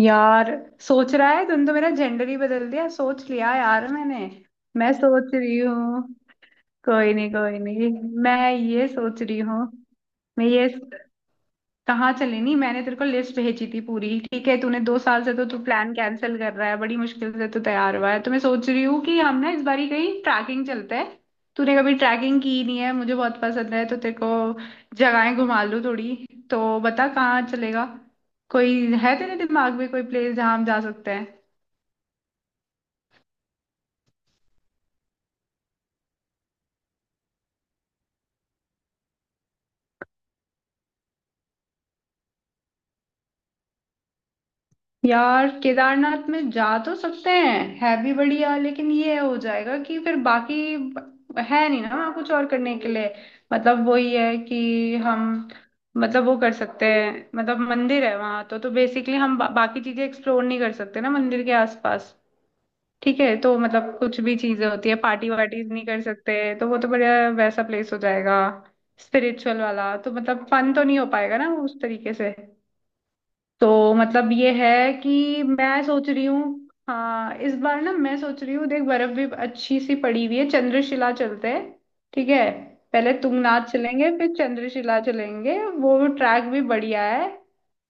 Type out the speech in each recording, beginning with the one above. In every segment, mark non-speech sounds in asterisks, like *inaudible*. यार, सोच रहा है? तुम तो मेरा जेंडर ही बदल दिया, सोच लिया यार मैंने। मैं सोच रही हूँ। कोई नहीं कोई नहीं, मैं ये सोच रही हूँ। मैं ये कहाँ चले? नहीं, मैंने तेरे को लिस्ट भेजी थी पूरी। ठीक है, तूने 2 साल से तो तू प्लान कैंसिल कर रहा है, बड़ी मुश्किल से तू तैयार हुआ है। तो मैं सोच रही हूँ कि हम ना इस बारी कहीं ट्रैकिंग चलते हैं। तूने कभी ट्रैकिंग की नहीं है, मुझे बहुत पसंद है, तो तेरे को जगहें घुमा लूँ थोड़ी। तो बता, कहाँ चलेगा? कोई है तेरे दिमाग में कोई प्लेस जहाँ हम जा सकते हैं? यार केदारनाथ में जा तो सकते हैं, है भी बढ़िया, लेकिन ये हो जाएगा कि फिर बाकी है नहीं ना वहाँ कुछ और करने के लिए। मतलब वही है कि हम, मतलब वो कर सकते हैं, मतलब मंदिर है वहाँ तो। बेसिकली हम बाकी चीजें एक्सप्लोर नहीं कर सकते ना मंदिर के आसपास। ठीक है, तो मतलब कुछ भी चीजें होती है पार्टी वार्टीज नहीं कर सकते, तो वो तो बढ़िया वैसा प्लेस हो जाएगा स्पिरिचुअल वाला, तो मतलब फन तो नहीं हो पाएगा ना उस तरीके से। तो मतलब ये है कि मैं सोच रही हूँ, हाँ इस बार ना मैं सोच रही हूँ, देख बर्फ भी अच्छी सी पड़ी हुई है, चंद्रशिला चलते हैं। ठीक है, पहले तुंगनाथ चलेंगे फिर चंद्रशिला चलेंगे, वो ट्रैक भी बढ़िया है।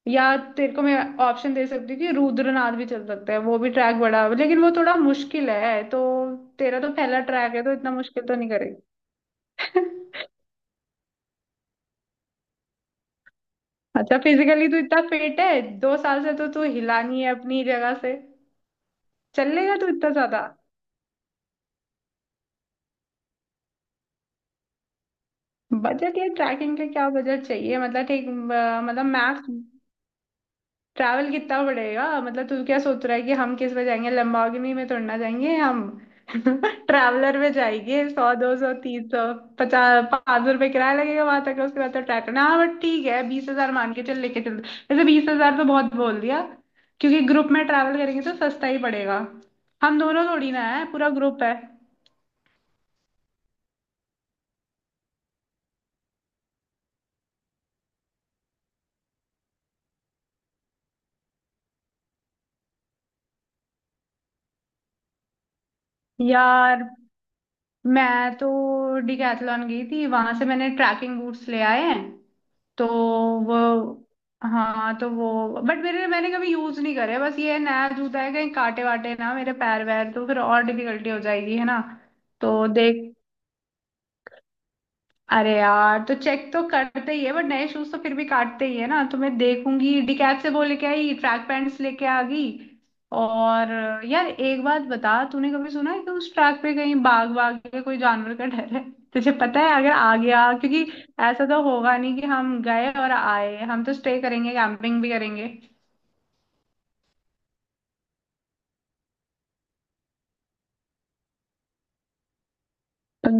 या तेरे को मैं ऑप्शन दे सकती हूँ कि रुद्रनाथ भी चल सकते हैं, वो भी ट्रैक बड़ा लेकिन वो थोड़ा मुश्किल है, तो तेरा तो पहला ट्रैक है तो इतना मुश्किल तो नहीं करेगी। *laughs* अच्छा, फिजिकली तू इतना फिट है? 2 साल से तो तू हिला नहीं है अपनी जगह से, चलेगा तो इतना ज्यादा? बजट? या ट्रैकिंग का क्या बजट चाहिए, मतलब ठीक मतलब मैक्स। ट्रैवल कितना पड़ेगा, मतलब तू क्या सोच रहा है कि हम किस में जाएंगे? लंबागिनी में थोड़ी ना जाएंगे हम। *laughs* ट्रैवलर में जाएंगे, 100 200 300 50 500 रुपये किराया लगेगा वहां तक। उसके बाद तो ट्रैक करना, हाँ बट ठीक है, 20 हजार मान के चल, लेके चल। वैसे 20 हजार तो बहुत बोल दिया, क्योंकि ग्रुप में ट्रैवल करेंगे तो सस्ता ही पड़ेगा, हम दोनों थोड़ी ना है, पूरा ग्रुप है। यार मैं तो डिकैथलॉन गई थी, वहां से मैंने ट्रैकिंग बूट्स ले आए हैं। तो वो, हाँ तो वो, बट मेरे मैंने कभी यूज नहीं करे, बस ये नया जूता है, कहीं काटे वाटे ना मेरे पैर वैर, तो फिर और डिफिकल्टी हो जाएगी, है ना? तो देख, अरे यार तो चेक तो करते ही है बट नए शूज तो फिर भी काटते ही है ना, तो मैं देखूंगी। डिकैप से वो लेके आई, ट्रैक पैंट्स लेके आ गई। और यार एक बात बता, तूने कभी सुना है कि उस ट्रैक पे कहीं बाघ वाघ या कोई जानवर का डर है? तुझे पता है? अगर आ गया, क्योंकि ऐसा तो होगा नहीं कि हम गए और आए, हम तो स्टे करेंगे, कैंपिंग भी करेंगे।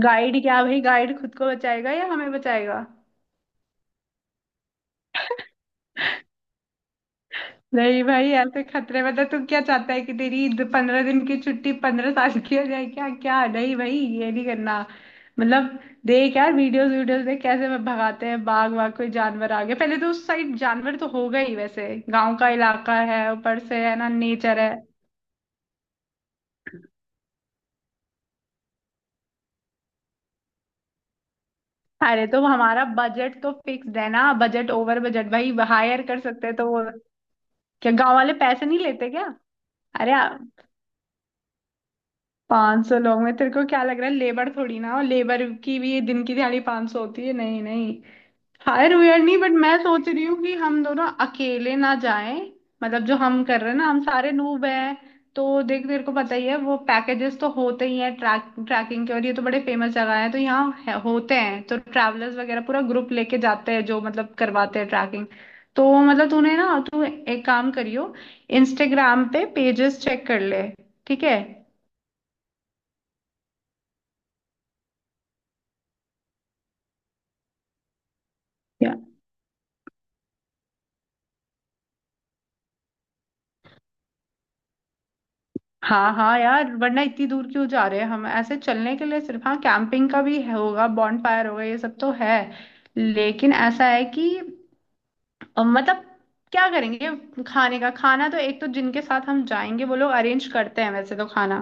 गाइड क्या भाई, गाइड खुद को बचाएगा या हमें बचाएगा? नहीं भाई, ऐसे खतरे में तो तू क्या चाहता है कि तेरी 15 दिन की छुट्टी 15 साल की हो जाए क्या? क्या नहीं भाई, ये नहीं करना। मतलब देख यार, वीडियोस वीडियोस देख कैसे वे भगाते हैं, बाघ वाघ कोई जानवर आ गया। पहले तो उस साइड जानवर तो होगा ही वैसे, गांव का इलाका है, ऊपर से है ना नेचर है। अरे तो हमारा बजट तो फिक्स है ना, बजट ओवर बजट भाई, हायर कर सकते हैं तो वो? क्या गांव वाले पैसे नहीं लेते क्या? अरे 500 लोग में तेरे को क्या लग रहा है, लेबर थोड़ी ना? और लेबर की भी दिन की दिहाड़ी 500 होती है। नहीं नहीं, हायर वेयर नहीं, बट मैं सोच रही हूँ कि हम दोनों अकेले ना जाएं, मतलब जो हम कर रहे हैं ना, हम सारे नूब हैं। तो देख तेरे को पता ही है, वो पैकेजेस तो होते ही हैं ट्रैकिंग के, और ये तो बड़े फेमस जगह है तो यहाँ होते हैं। तो ट्रैवलर्स वगैरह पूरा ग्रुप लेके जाते हैं जो मतलब करवाते हैं ट्रैकिंग। तो मतलब तूने ना, तू एक काम करियो, इंस्टाग्राम पे पेजेस चेक कर ले, ठीक है। हाँ हाँ यार, वरना इतनी दूर क्यों जा रहे हैं हम ऐसे चलने के लिए सिर्फ? हाँ कैंपिंग का भी होगा, बॉनफायर होगा, ये सब तो है। लेकिन ऐसा है कि मतलब क्या करेंगे, खाने का? खाना तो एक तो जिनके साथ हम जाएंगे वो लोग अरेंज करते हैं वैसे तो, खाना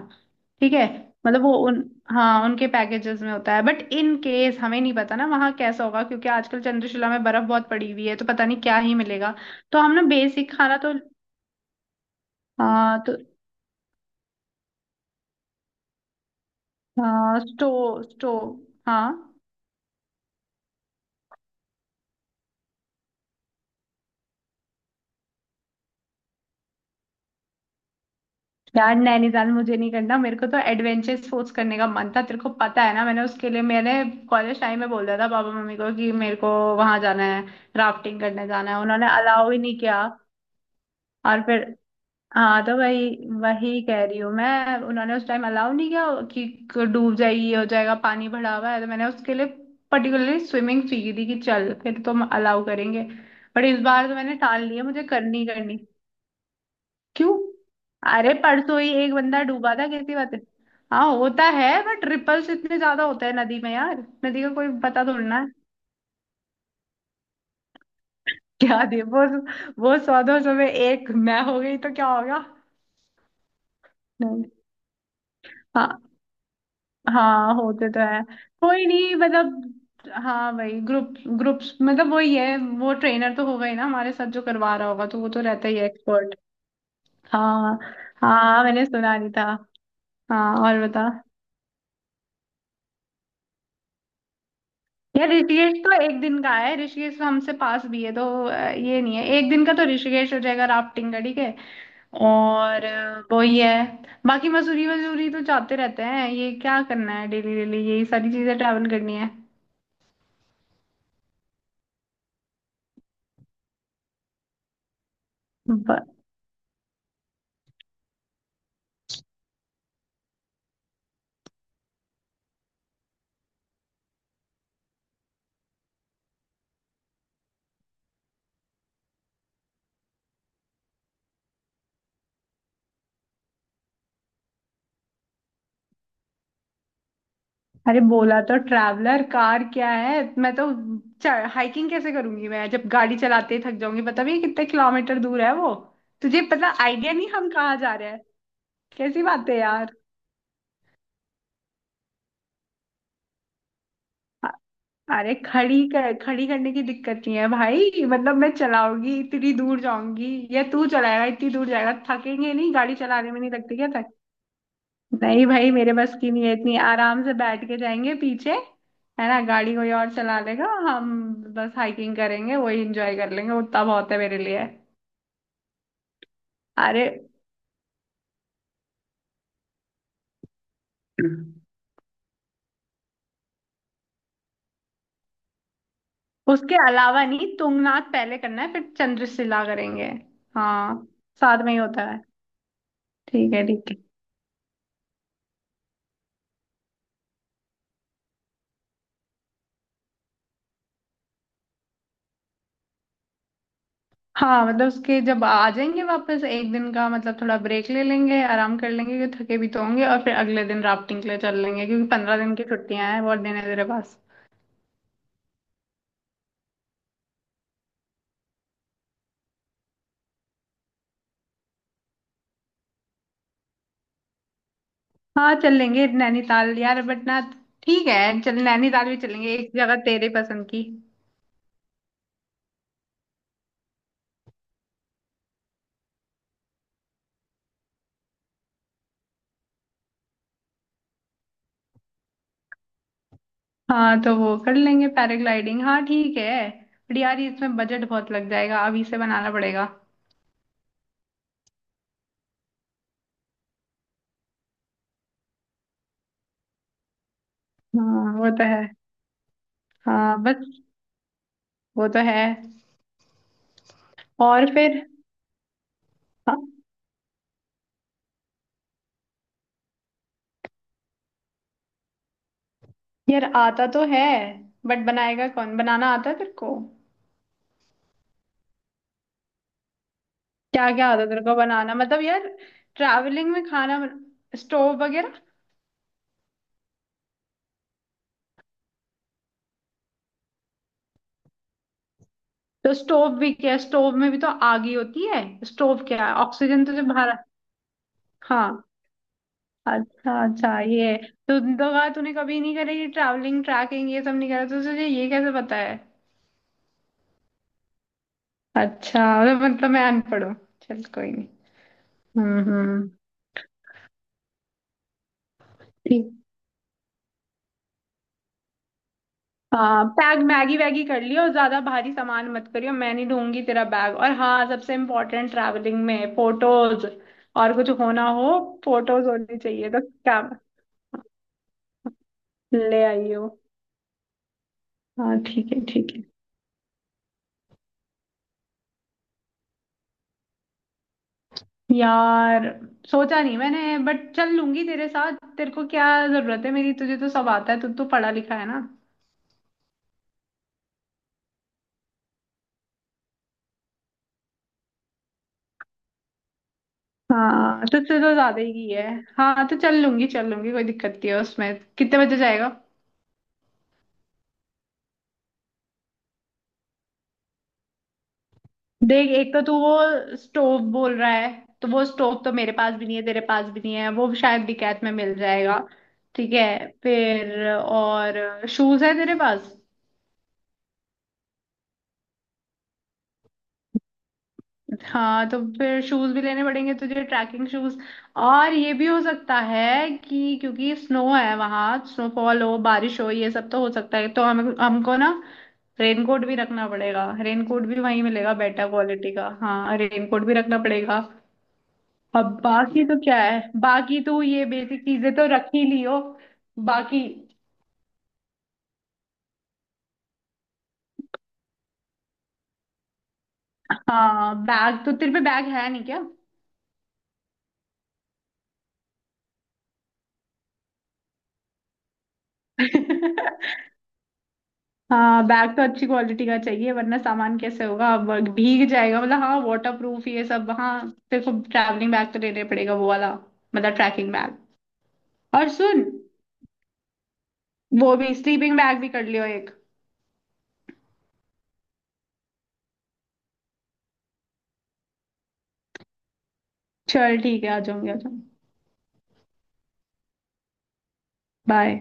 ठीक है। मतलब वो उन, हाँ उनके पैकेजेस में होता है, बट इन केस हमें नहीं पता ना वहाँ कैसा होगा, क्योंकि आजकल चंद्रशिला में बर्फ बहुत पड़ी हुई है तो पता नहीं क्या ही मिलेगा। तो हम ना बेसिक खाना तो, हाँ तो हाँ स्टो स्टो। हाँ यार नैनीताल मुझे नहीं करना, मेरे को तो एडवेंचर स्पोर्ट्स करने का मन था। तेरे को पता है ना, मैंने उसके लिए मैंने कॉलेज टाइम में बोल दिया था पापा मम्मी को कि मेरे को वहां जाना है, राफ्टिंग करने जाना है, उन्होंने अलाउ ही नहीं किया। और फिर हाँ तो वही, वही कह रही हूँ मैं, उन्होंने उस टाइम अलाउ नहीं किया कि डूब जाए ये हो जाएगा, पानी भरा हुआ है। तो मैंने उसके लिए पर्टिकुलरली स्विमिंग सीखी थी कि चल फिर तुम अलाउ करेंगे। बट इस बार तो मैंने ठान लिया, मुझे करनी ही करनी। क्यों? अरे परसों ही एक बंदा डूबा था, कैसी बात है। हाँ होता है बट रिपल्स इतने ज्यादा होते हैं नदी में यार, नदी का कोई पता थोड़ना है। *laughs* क्या दे वो 100-200 में एक मैं हो गई तो क्या होगा? नहीं, हाँ, हाँ होते तो है। कोई नहीं, मतलब हाँ भाई ग्रुप, ग्रुप्स, मतलब वही है वो ट्रेनर तो हो गई ना हमारे साथ जो करवा रहा होगा, तो वो तो रहता ही है एक्सपर्ट। हाँ, हाँ मैंने सुना नहीं था। हाँ और बता। यार ऋषिकेश तो 1 दिन का है, ऋषिकेश तो हमसे पास भी है तो, ये नहीं है 1 दिन का तो ऋषिकेश हो जाएगा राफ्टिंग का, ठीक है। और वो ही है, बाकी मसूरी वसूरी तो जाते रहते हैं, ये क्या करना है डेली डेली यही सारी चीजें ट्रैवल करनी है। ब- अरे बोला तो, ट्रैवलर कार क्या है? मैं तो हाइकिंग कैसे करूंगी, मैं जब गाड़ी चलाते ही थक जाऊंगी। पता भी है कितने किलोमीटर दूर है वो? तुझे पता आइडिया नहीं हम कहाँ जा रहे हैं, कैसी बात है यार। अरे खड़ी कर, खड़ी करने की दिक्कत नहीं है भाई, मतलब मैं चलाऊंगी इतनी दूर जाऊंगी या तू चलाएगा इतनी दूर जाएगा? थकेंगे नहीं गाड़ी चलाने में? नहीं लगती क्या थक? नहीं भाई, मेरे बस की नहीं है, इतनी आराम से बैठ के जाएंगे पीछे, है ना, गाड़ी कोई और चला लेगा। हम बस हाइकिंग करेंगे, वही एंजॉय कर लेंगे, उतना बहुत है मेरे लिए। अरे उसके अलावा नहीं, तुंगनाथ पहले करना है फिर चंद्रशिला करेंगे। हाँ साथ में ही होता है। ठीक है ठीक है। हाँ मतलब उसके, जब आ जाएंगे वापस एक दिन का मतलब थोड़ा ब्रेक ले लेंगे, आराम कर लेंगे क्योंकि थके भी तो होंगे। और फिर अगले दिन राफ्टिंग के लिए चल लेंगे, क्योंकि 15 दिन की छुट्टियां हैं, बहुत दिन है तेरे पास। हाँ चल लेंगे नैनीताल यार, बट ना, ठीक है चल नैनीताल भी चलेंगे, एक जगह तेरे पसंद की। हाँ तो वो कर लेंगे पैराग्लाइडिंग, हाँ ठीक है। बट यार ये, इसमें बजट बहुत लग जाएगा, अभी से बनाना पड़ेगा। हाँ वो तो है। हाँ बस, वो तो है। और फिर हाँ। यार आता तो है बट बनाएगा कौन? बनाना आता है तेरे को? क्या क्या आता है तेरे को बनाना, मतलब यार ट्रैवलिंग में खाना बन... स्टोव वगैरह, तो स्टोव भी क्या है, स्टोव में भी तो आग ही होती है। स्टोव क्या है, ऑक्सीजन तो जब बाहर। हाँ अच्छा अच्छा ये है। तो कहा, तूने कभी नहीं करी ट्रैवलिंग ट्रैकिंग ये सब नहीं करा तो तुझे ये कैसे पता है? अच्छा, मतलब मैं अनपढ़ हूँ, चल कोई नहीं। हम्म। ठीक, हाँ बैग मैगी वैगी कर लियो, और ज्यादा भारी सामान मत करियो, मैं नहीं ढूंढूंगी तेरा बैग। और हाँ सबसे इम्पोर्टेंट, ट्रैवलिंग में फोटोज, और कुछ होना हो फोटोज होनी चाहिए, तो क्या, ले आइयो। हाँ ठीक है ठीक है। यार सोचा नहीं मैंने, बट चल लूंगी तेरे साथ, तेरे को क्या जरूरत है मेरी, तुझे तो सब आता है, तू तो पढ़ा लिखा है ना। हाँ तुझसे तो ज्यादा ही है। हाँ तो चल लूंगी चल लूंगी, कोई दिक्कत नहीं है उसमें, कितने बजे जाएगा? देख एक तो तू वो स्टोव बोल रहा है, तो वो स्टोव तो मेरे पास भी नहीं है तेरे पास भी नहीं है, वो शायद डिकैत में मिल जाएगा। ठीक है, फिर और शूज है तेरे पास? हाँ तो फिर शूज भी लेने पड़ेंगे तुझे, ट्रैकिंग शूज। और ये भी हो सकता है कि क्योंकि स्नो है वहां, स्नोफॉल हो, बारिश हो, ये सब तो हो सकता है, तो हम हमको ना रेनकोट भी रखना पड़ेगा। रेनकोट भी वहीं मिलेगा बेटर क्वालिटी का, हाँ रेनकोट भी रखना पड़ेगा। अब बाकी तो क्या है, बाकी तो ये बेसिक चीजें तो रख ही लियो। बाकी हाँ, बैग तो तेरे पे बैग है नहीं क्या? *laughs* हाँ बैग तो अच्छी क्वालिटी का चाहिए, वरना सामान कैसे होगा, भीग जाएगा मतलब, हाँ वाटर प्रूफ ये सब, हाँ तेरे को ट्रैवलिंग बैग तो लेने पड़ेगा वो वाला, मतलब ट्रैकिंग बैग। और सुन, वो भी स्लीपिंग बैग भी कर लियो एक। चल ठीक है, आ जाऊंगी आ जाऊंगी। बाय।